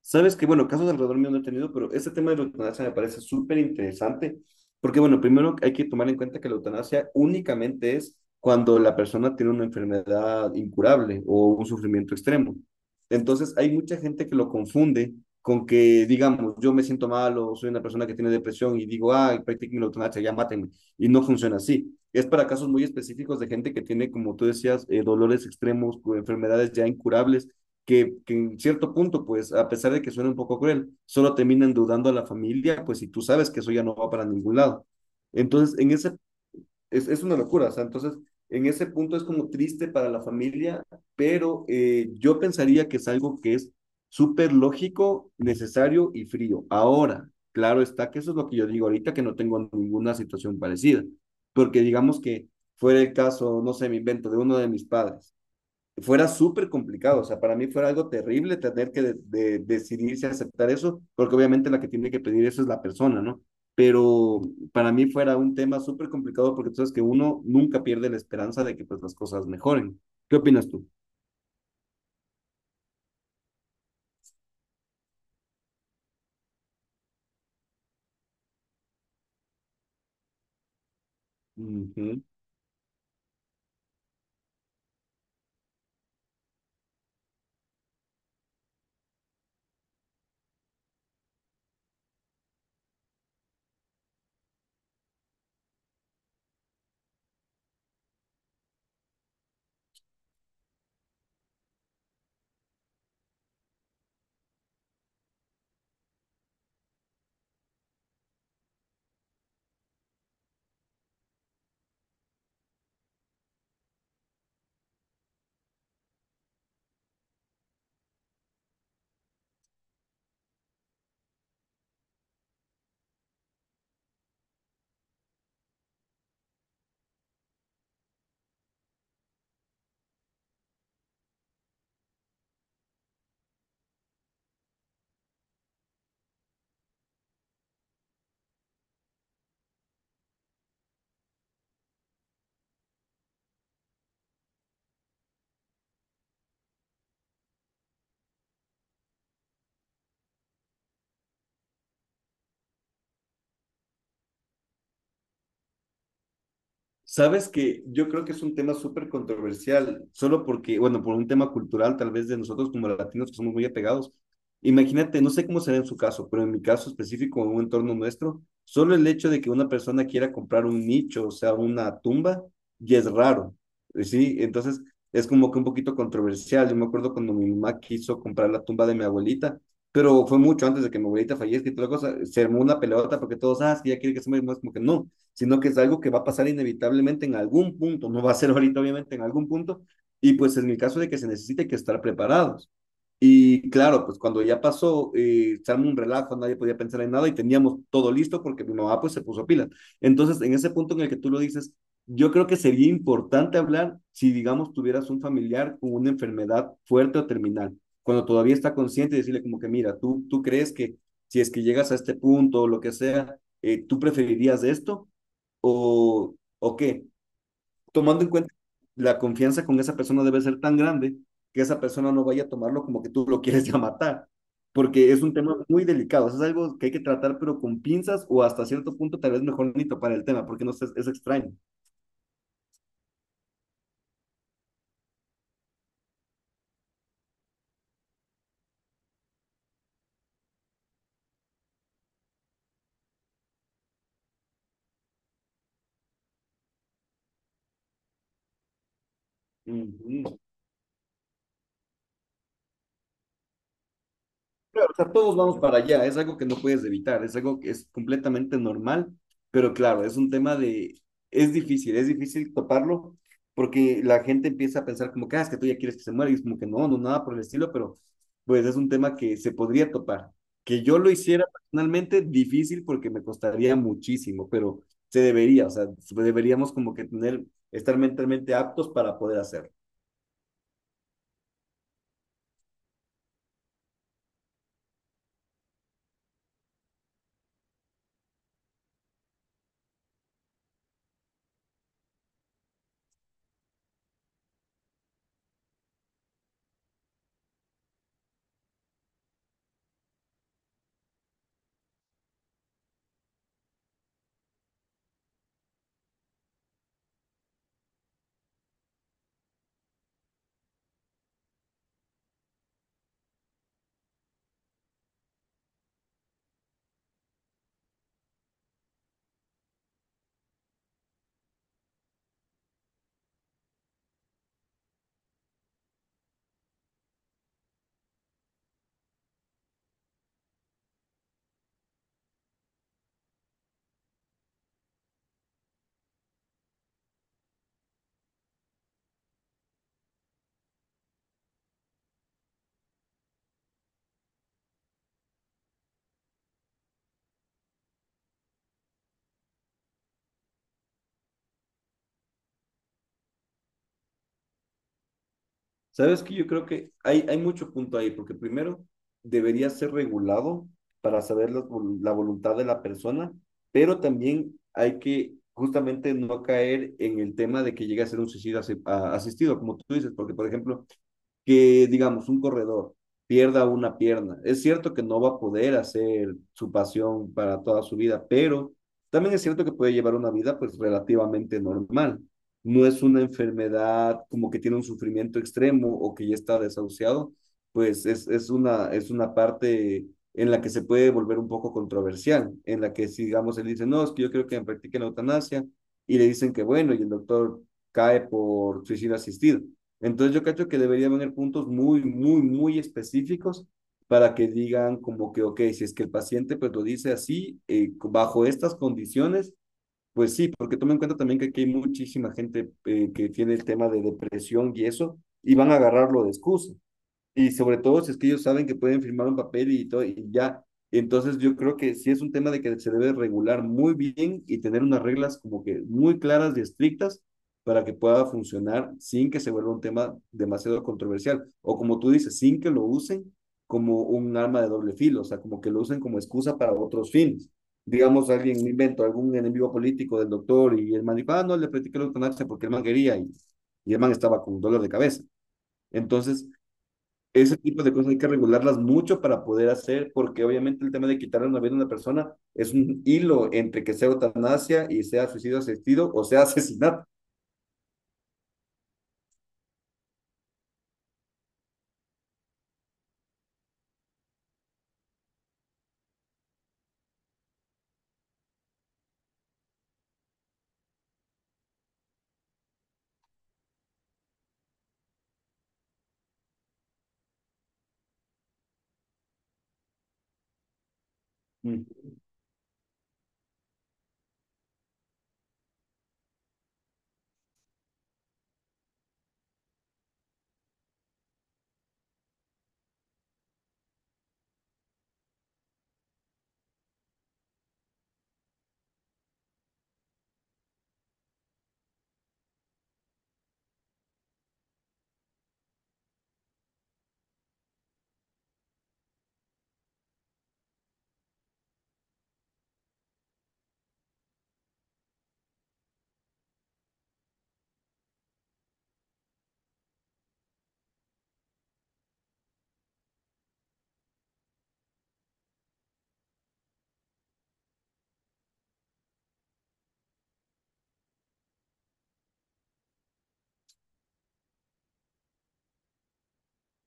Sabes que, bueno, casos alrededor mío no he tenido, pero ese tema de la eutanasia me parece súper interesante, porque, bueno, primero hay que tomar en cuenta que la eutanasia únicamente es cuando la persona tiene una enfermedad incurable o un sufrimiento extremo. Entonces, hay mucha gente que lo confunde con que, digamos, yo me siento mal o soy una persona que tiene depresión y digo, ay, practiquen la eutanasia, ya mátenme. Y no funciona así. Es para casos muy específicos de gente que tiene, como tú decías, dolores extremos, enfermedades ya incurables que en cierto punto, pues, a pesar de que suene un poco cruel, solo terminan dudando a la familia, pues, y tú sabes que eso ya no va para ningún lado. Entonces, en ese, es una locura, o sea, entonces, en ese punto es como triste para la familia, pero yo pensaría que es algo que es súper lógico, necesario y frío. Ahora, claro está que eso es lo que yo digo ahorita, que no tengo ninguna situación parecida, porque digamos que fuera el caso, no sé, me invento, de uno de mis padres fuera súper complicado, o sea, para mí fuera algo terrible tener que decidirse a aceptar eso, porque obviamente la que tiene que pedir eso es la persona, ¿no? Pero para mí fuera un tema súper complicado porque tú sabes que uno nunca pierde la esperanza de que pues las cosas mejoren. ¿Qué opinas tú? Ujú. Sabes que yo creo que es un tema súper controversial, solo porque, bueno, por un tema cultural, tal vez de nosotros como latinos que somos muy apegados. Imagínate, no sé cómo será en su caso, pero en mi caso específico, en un entorno nuestro, solo el hecho de que una persona quiera comprar un nicho, o sea, una tumba, ya es raro, ¿sí? Entonces, es como que un poquito controversial. Yo me acuerdo cuando mi mamá quiso comprar la tumba de mi abuelita, pero fue mucho antes de que mi abuelita fallezca y toda la cosa, se armó una pelota porque todos, ah, es que ya quiere que se muera, y más como que no sino que es algo que va a pasar inevitablemente en algún punto, no va a ser ahorita obviamente en algún punto, y pues en el caso de que se necesite hay que estar preparados. Y claro, pues cuando ya pasó, se armó un relajo, nadie podía pensar en nada y teníamos todo listo porque mi mamá pues se puso pilas. Entonces, en ese punto en el que tú lo dices, yo creo que sería importante hablar si, digamos, tuvieras un familiar con una enfermedad fuerte o terminal, cuando todavía está consciente y decirle como que, mira, tú crees que si es que llegas a este punto o lo que sea, ¿tú preferirías esto? ¿O qué? Tomando en cuenta que la confianza con esa persona debe ser tan grande que esa persona no vaya a tomarlo como que tú lo quieres ya matar, porque es un tema muy delicado, eso es algo que hay que tratar pero con pinzas o hasta cierto punto tal vez mejor ni topar el tema, porque no sé, es extraño. Ujú. O sea, todos vamos para allá, es algo que no puedes evitar, es algo que es completamente normal, pero claro, es un tema de, es difícil toparlo, porque la gente empieza a pensar como que, ah, es que tú ya quieres que se muera, y es como que no, no, nada por el estilo, pero pues es un tema que se podría topar. Que yo lo hiciera personalmente, difícil porque me costaría muchísimo, pero se debería, o sea, deberíamos como que tener, estar mentalmente aptos para poder hacerlo. Sabes que yo creo que hay mucho punto ahí, porque primero debería ser regulado para saber la, la voluntad de la persona, pero también hay que justamente no caer en el tema de que llegue a ser un suicidio asistido, como tú dices, porque por ejemplo, que digamos un corredor pierda una pierna, es cierto que no va a poder hacer su pasión para toda su vida, pero también es cierto que puede llevar una vida pues relativamente normal no es una enfermedad como que tiene un sufrimiento extremo o que ya está desahuciado, pues es una parte en la que se puede volver un poco controversial, en la que, si, digamos, él dice, no, es que yo creo que me practiquen la eutanasia, y le dicen que bueno, y el doctor cae por suicidio asistido. Entonces yo creo que debería haber puntos muy, muy, muy específicos para que digan como que, ok, si es que el paciente pues lo dice así, bajo estas condiciones, pues sí, porque toma en cuenta también que aquí hay muchísima gente que tiene el tema de depresión y eso, y van a agarrarlo de excusa. Y sobre todo si es que ellos saben que pueden firmar un papel y todo, y ya. Entonces yo creo que sí es un tema de que se debe regular muy bien y tener unas reglas como que muy claras y estrictas para que pueda funcionar sin que se vuelva un tema demasiado controversial. O como tú dices, sin que lo usen como un arma de doble filo, o sea, como que lo usen como excusa para otros fines. Digamos, alguien un invento, algún enemigo político del doctor y el man dijo, ah, no, le practiqué la eutanasia porque el man quería y el man estaba con dolor de cabeza. Entonces, ese tipo de cosas hay que regularlas mucho para poder hacer, porque obviamente el tema de quitarle una vida a una persona es un hilo entre que sea eutanasia y sea suicidio asistido o sea asesinato. Mm.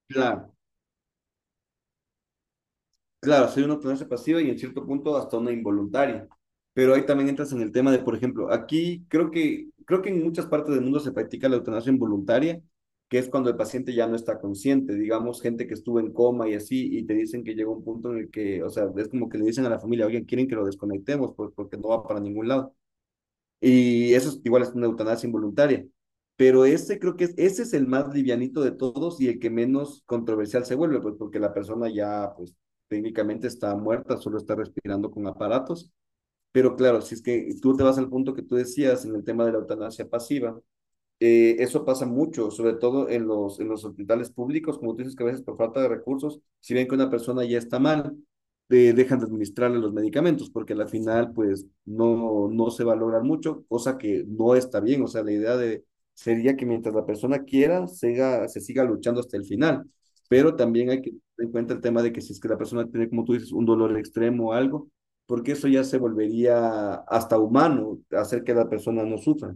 Claro. Claro, soy una observancia pasiva y en cierto punto hasta una involuntaria. Pero ahí también entras en el tema de, por ejemplo, aquí creo que en muchas partes del mundo se practica la eutanasia involuntaria, que es cuando el paciente ya no está consciente, digamos, gente que estuvo en coma y así, y te dicen que llega un punto en el que, o sea, es como que le dicen a la familia, oigan, quieren que lo desconectemos pues, porque no va para ningún lado. Y eso es, igual es una eutanasia involuntaria. Pero ese creo que es, ese es el más livianito de todos y el que menos controversial se vuelve, pues porque la persona ya, pues técnicamente está muerta, solo está respirando con aparatos. Pero claro, si es que tú te vas al punto que tú decías en el tema de la eutanasia pasiva, eso pasa mucho, sobre todo en los hospitales públicos, como tú dices que a veces por falta de recursos, si ven que una persona ya está mal, dejan de administrarle los medicamentos, porque al final pues no, no se valora mucho, cosa que no está bien, o sea, la idea de, sería que mientras la persona quiera, siga, se siga luchando hasta el final, pero también hay que tener en cuenta el tema de que si es que la persona tiene, como tú dices, un dolor extremo o algo, porque eso ya se volvería hasta humano, hacer que la persona no sufra.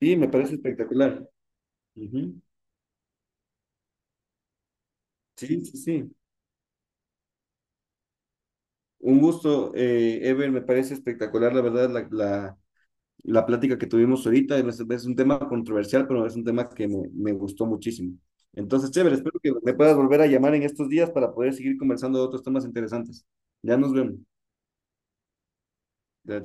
Sí, me parece espectacular. Ujú. Sí, sí, sí. Un gusto, Ever, me parece espectacular, la verdad, la plática que tuvimos ahorita. Es un tema controversial, pero es un tema que me gustó muchísimo. Entonces, chévere, espero que me puedas volver a llamar en estos días para poder seguir conversando de otros temas interesantes. Ya nos vemos.